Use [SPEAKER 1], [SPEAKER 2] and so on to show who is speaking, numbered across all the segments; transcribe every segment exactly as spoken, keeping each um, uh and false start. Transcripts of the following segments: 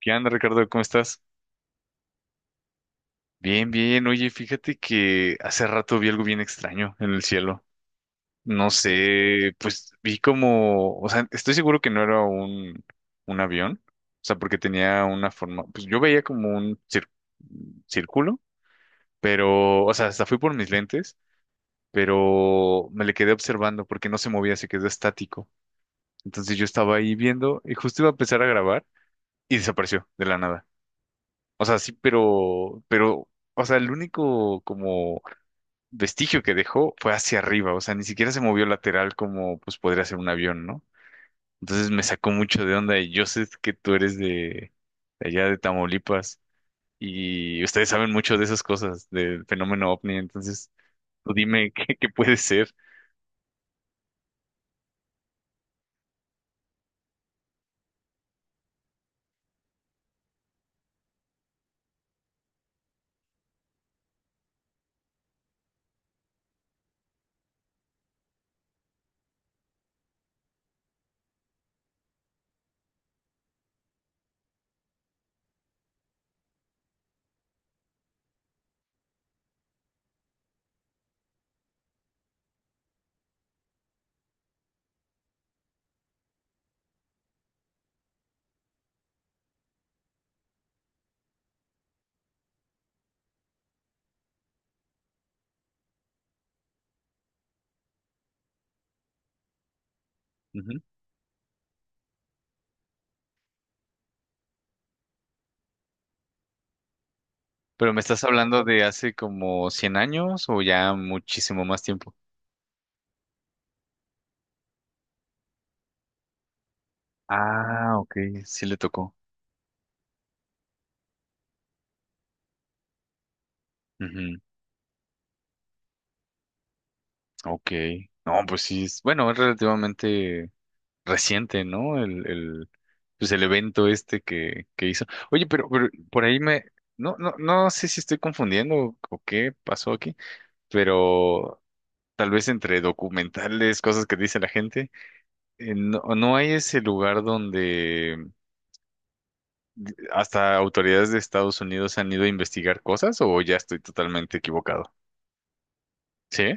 [SPEAKER 1] ¿Qué onda, Ricardo? ¿Cómo estás? Bien, bien. Oye, fíjate que hace rato vi algo bien extraño en el cielo. No sé, pues vi como, o sea, estoy seguro que no era un, un avión, o sea, porque tenía una forma, pues yo veía como un cir- círculo, pero, o sea, hasta fui por mis lentes, pero me le quedé observando porque no se movía, se quedó estático. Entonces yo estaba ahí viendo y justo iba a empezar a grabar y desapareció de la nada. O sea, sí, pero, pero, o sea, el único como vestigio que dejó fue hacia arriba, o sea, ni siquiera se movió lateral como pues podría ser un avión, ¿no? Entonces me sacó mucho de onda y yo sé que tú eres de, de allá de Tamaulipas y ustedes saben mucho de esas cosas, del fenómeno ovni, entonces tú dime qué, qué puede ser. Ujú. Pero me estás hablando de hace como cien años o ya muchísimo más tiempo. Ah, ok, sí le tocó. Ujú. Ok. No, pues sí, es, bueno, es relativamente reciente, ¿no? El, el, pues el evento este que, que hizo. Oye, pero, pero por ahí me, no, no, no sé si estoy confundiendo o qué pasó aquí, pero tal vez entre documentales, cosas que dice la gente, eh, no, no hay ese lugar donde hasta autoridades de Estados Unidos han ido a investigar cosas o ya estoy totalmente equivocado. ¿Sí?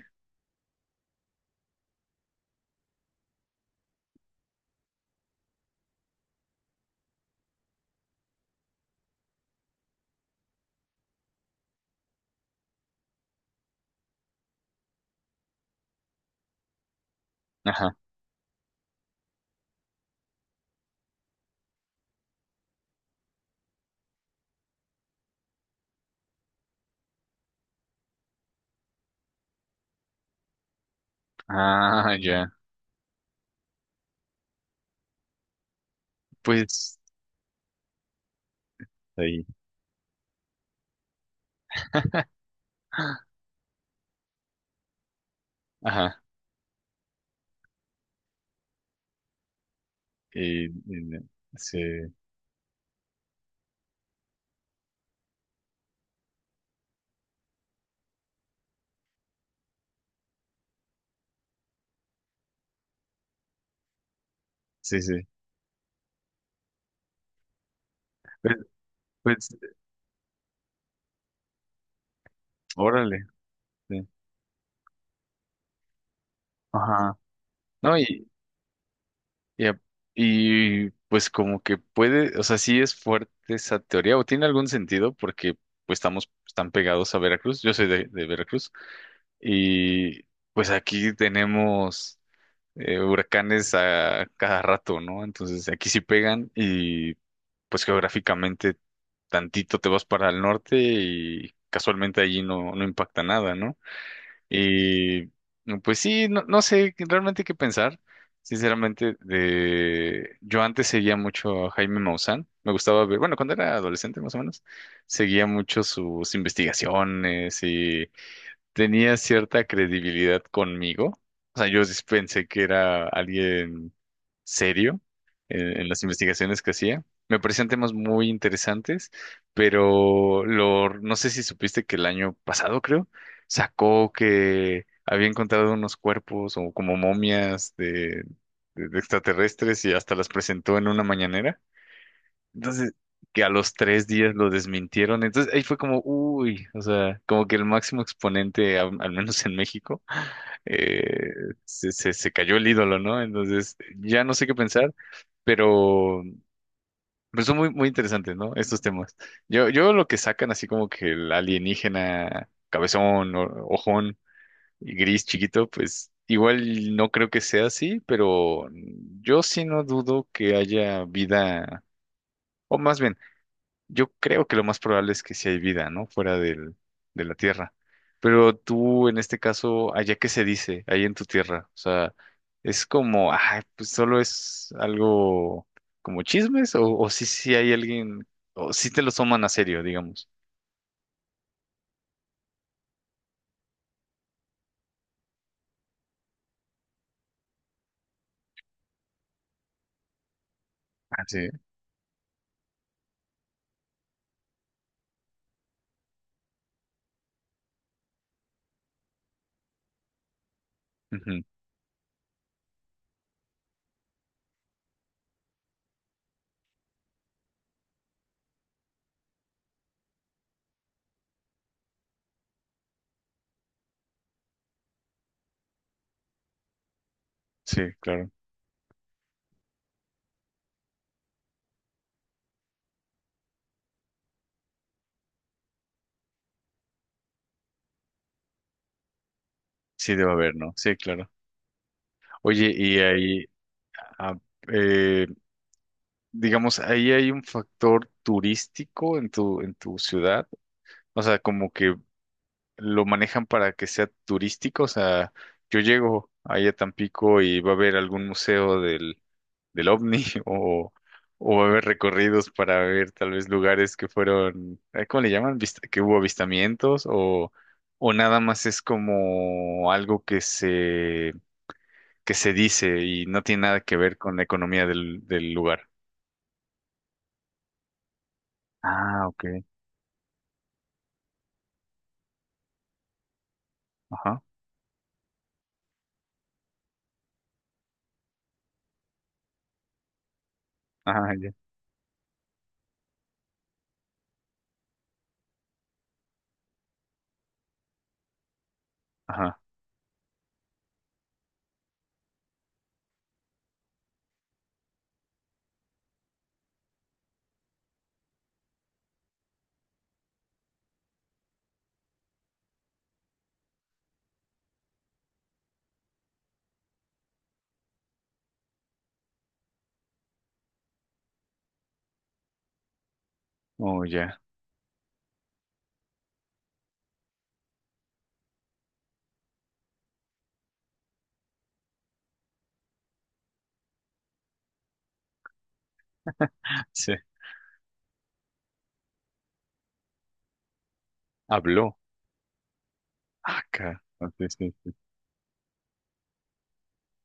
[SPEAKER 1] Ajá. Ah, ya. Pues ahí. Ajá. Y, y de- sí, sí, sí. Pues, pues, órale. Sí. Ajá. No, y, y, a- y, pues como que puede, o sea, sí es fuerte esa teoría, o tiene algún sentido, porque pues estamos tan pegados a Veracruz. Yo soy de, de Veracruz. Y pues aquí tenemos eh, huracanes a cada rato, ¿no? Entonces aquí sí pegan y pues geográficamente tantito te vas para el norte y casualmente allí no, no impacta nada, ¿no? Y mm, pues sí, no, no sé qué- realmente qué pensar. Sinceramente, de yo antes seguía mucho a Jaime Maussan. Me gustaba ver, bueno, cuando era adolescente más o menos, seguía mucho sus investigaciones tenía cierta credibilidad conmigo. O sea, yo sí pensé que era alguien serio en, en las investigaciones que hacía. Me parecían temas muy interesantes, pero lo, no sé si supiste que el año pasado, creo, sacó que había encontrado unos cuerpos o como momias de, de de extraterrestres y hasta las presentó en una mañanera. Entonces, que a los tres días lo desmintieron. Entonces, ahí fue como, uy, o sea, como que el máximo exponente, a- al menos en México, eh, se, se, se cayó el ídolo, ¿no? Entonces, ya no sé qué pensar, pero, pero son muy, muy interesantes, ¿no? Estos temas. Yo, yo lo que sacan, así como que el alienígena, cabezón, o- ojón y gris chiquito, pues igual no creo que sea así, pero yo sí no dudo que haya vida. O más bien, yo creo que lo más probable es que sí hay vida, ¿no? Fuera del, de la Tierra. Pero tú, en este caso, allá qué se dice, ahí en tu tierra. O sea, es como, ah, pues solo es algo como chismes, o, o sí, sí hay alguien, o sí te lo toman a serio, digamos. Ah, sí. Ujú. Sí, claro. Sí debe haber, ¿no? Sí, claro. Oye, y ahí, ah, eh, digamos, ahí hay un factor turístico en tu, en tu ciudad. O sea, como que lo manejan para que sea turístico. O sea, yo llego ahí a Tampico y va a haber algún museo del, del OVNI o, o va a haber recorridos para ver tal vez lugares que fueron, eh, ¿cómo le llaman? Vist- que hubo avistamientos o, o nada más es como algo que se, que se dice y no tiene nada que ver con la economía del, del lugar. Ah, ok. Ajá. Ah, ya. Ajá. Oh, ya. Sí. Habló. Acá. Sí, sí, sí.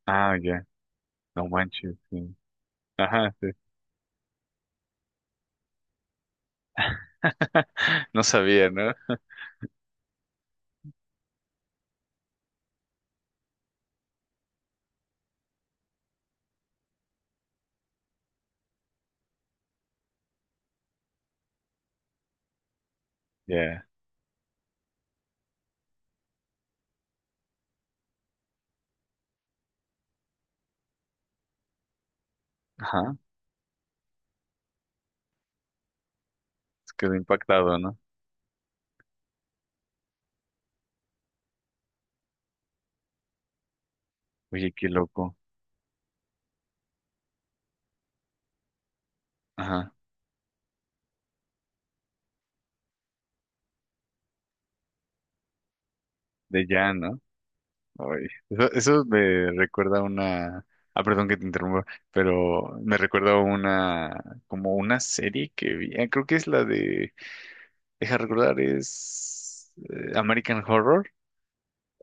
[SPEAKER 1] Ah, ya. No manches, sí. Ajá, sí. No sabía, ¿no? Ya. Ajá. Se quedó impactado, ¿no? Oye, qué loco. Ajá. De ya, ¿no? Ay, Eso, eso me recuerda a una. Ah, perdón que te interrumpa, pero me recuerda a una. Como una serie que vi. Ah, creo que es la de. Deja recordar, es. eh, American Horror.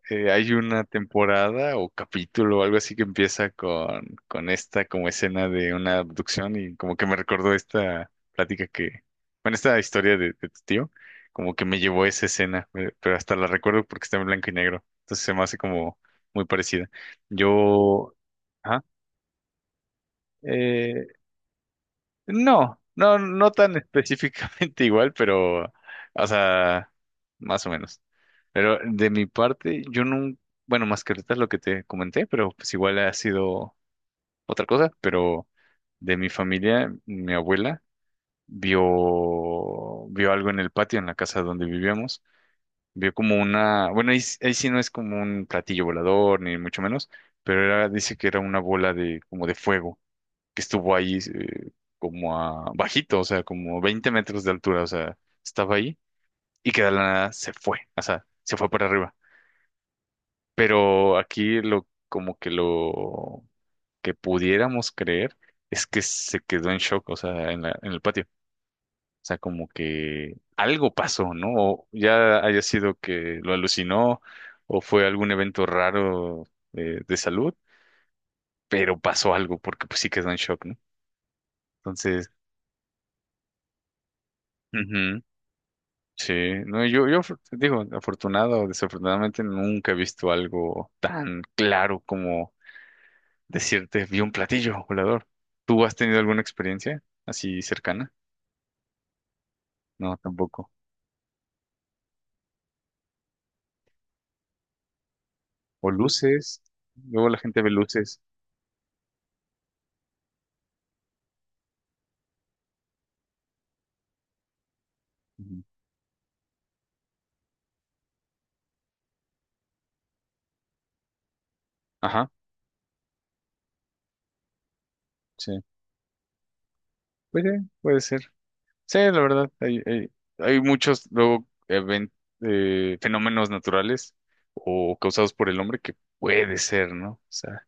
[SPEAKER 1] eh, Hay una temporada o capítulo o algo así que empieza con, con esta como escena de una abducción y como que me recordó esta plática que, bueno, esta historia de, de tu tío, como que me llevó a esa escena, eh, pero hasta la recuerdo porque está en blanco y negro, entonces se me hace como muy parecida. Yo, ajá, eh, no, no, no tan específicamente igual, pero, o sea, más o menos. Pero de mi parte, yo no, bueno, más que ahorita es lo que te comenté, pero pues igual ha sido otra cosa, pero de mi familia, mi abuela vio, vio algo en el patio, en la casa donde vivíamos, vio como una, bueno, ahí, s- ahí sí no es como un platillo volador, ni mucho menos, pero era, dice que era una bola de, como de fuego que estuvo ahí eh, como a bajito, o sea, como veinte metros de altura, o sea, estaba ahí y que de la nada se fue, o sea, se fue para arriba. Pero aquí lo como que lo que pudiéramos creer es que se quedó en shock, o sea, en la- en el patio. O sea, como que algo pasó, ¿no? O ya haya sido que lo alucinó o fue algún evento raro de, de salud, pero pasó algo porque pues sí quedó en shock, ¿no? Entonces, ujú. Sí, no, yo, yo af- digo, afortunado o desafortunadamente nunca he visto algo tan claro como decirte, vi un platillo volador. ¿Tú has tenido alguna experiencia así cercana? No, tampoco. O luces, luego la gente ve luces. Ujú. Ajá, sí. Pues sí, puede ser. Sí, la verdad, hay, hay, hay muchos luego even- eh, fenómenos naturales o causados por el hombre que puede ser, ¿no? O sea,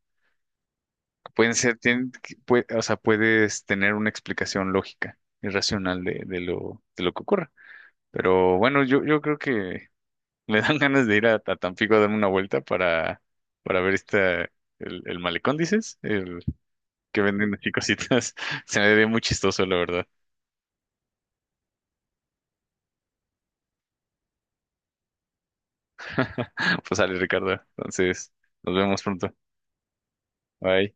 [SPEAKER 1] pueden ser, tienen que- pue- o sea, puedes tener una explicación lógica y racional de, de lo, de lo que ocurra. Pero bueno, yo, yo creo que me dan ganas de ir a, a Tampico a darme una vuelta para, para ver esta, el, el malecón, dices, el que venden así cositas. Se me ve muy chistoso, la verdad. Pues sale, Ricardo. Entonces, nos vemos pronto. Bye.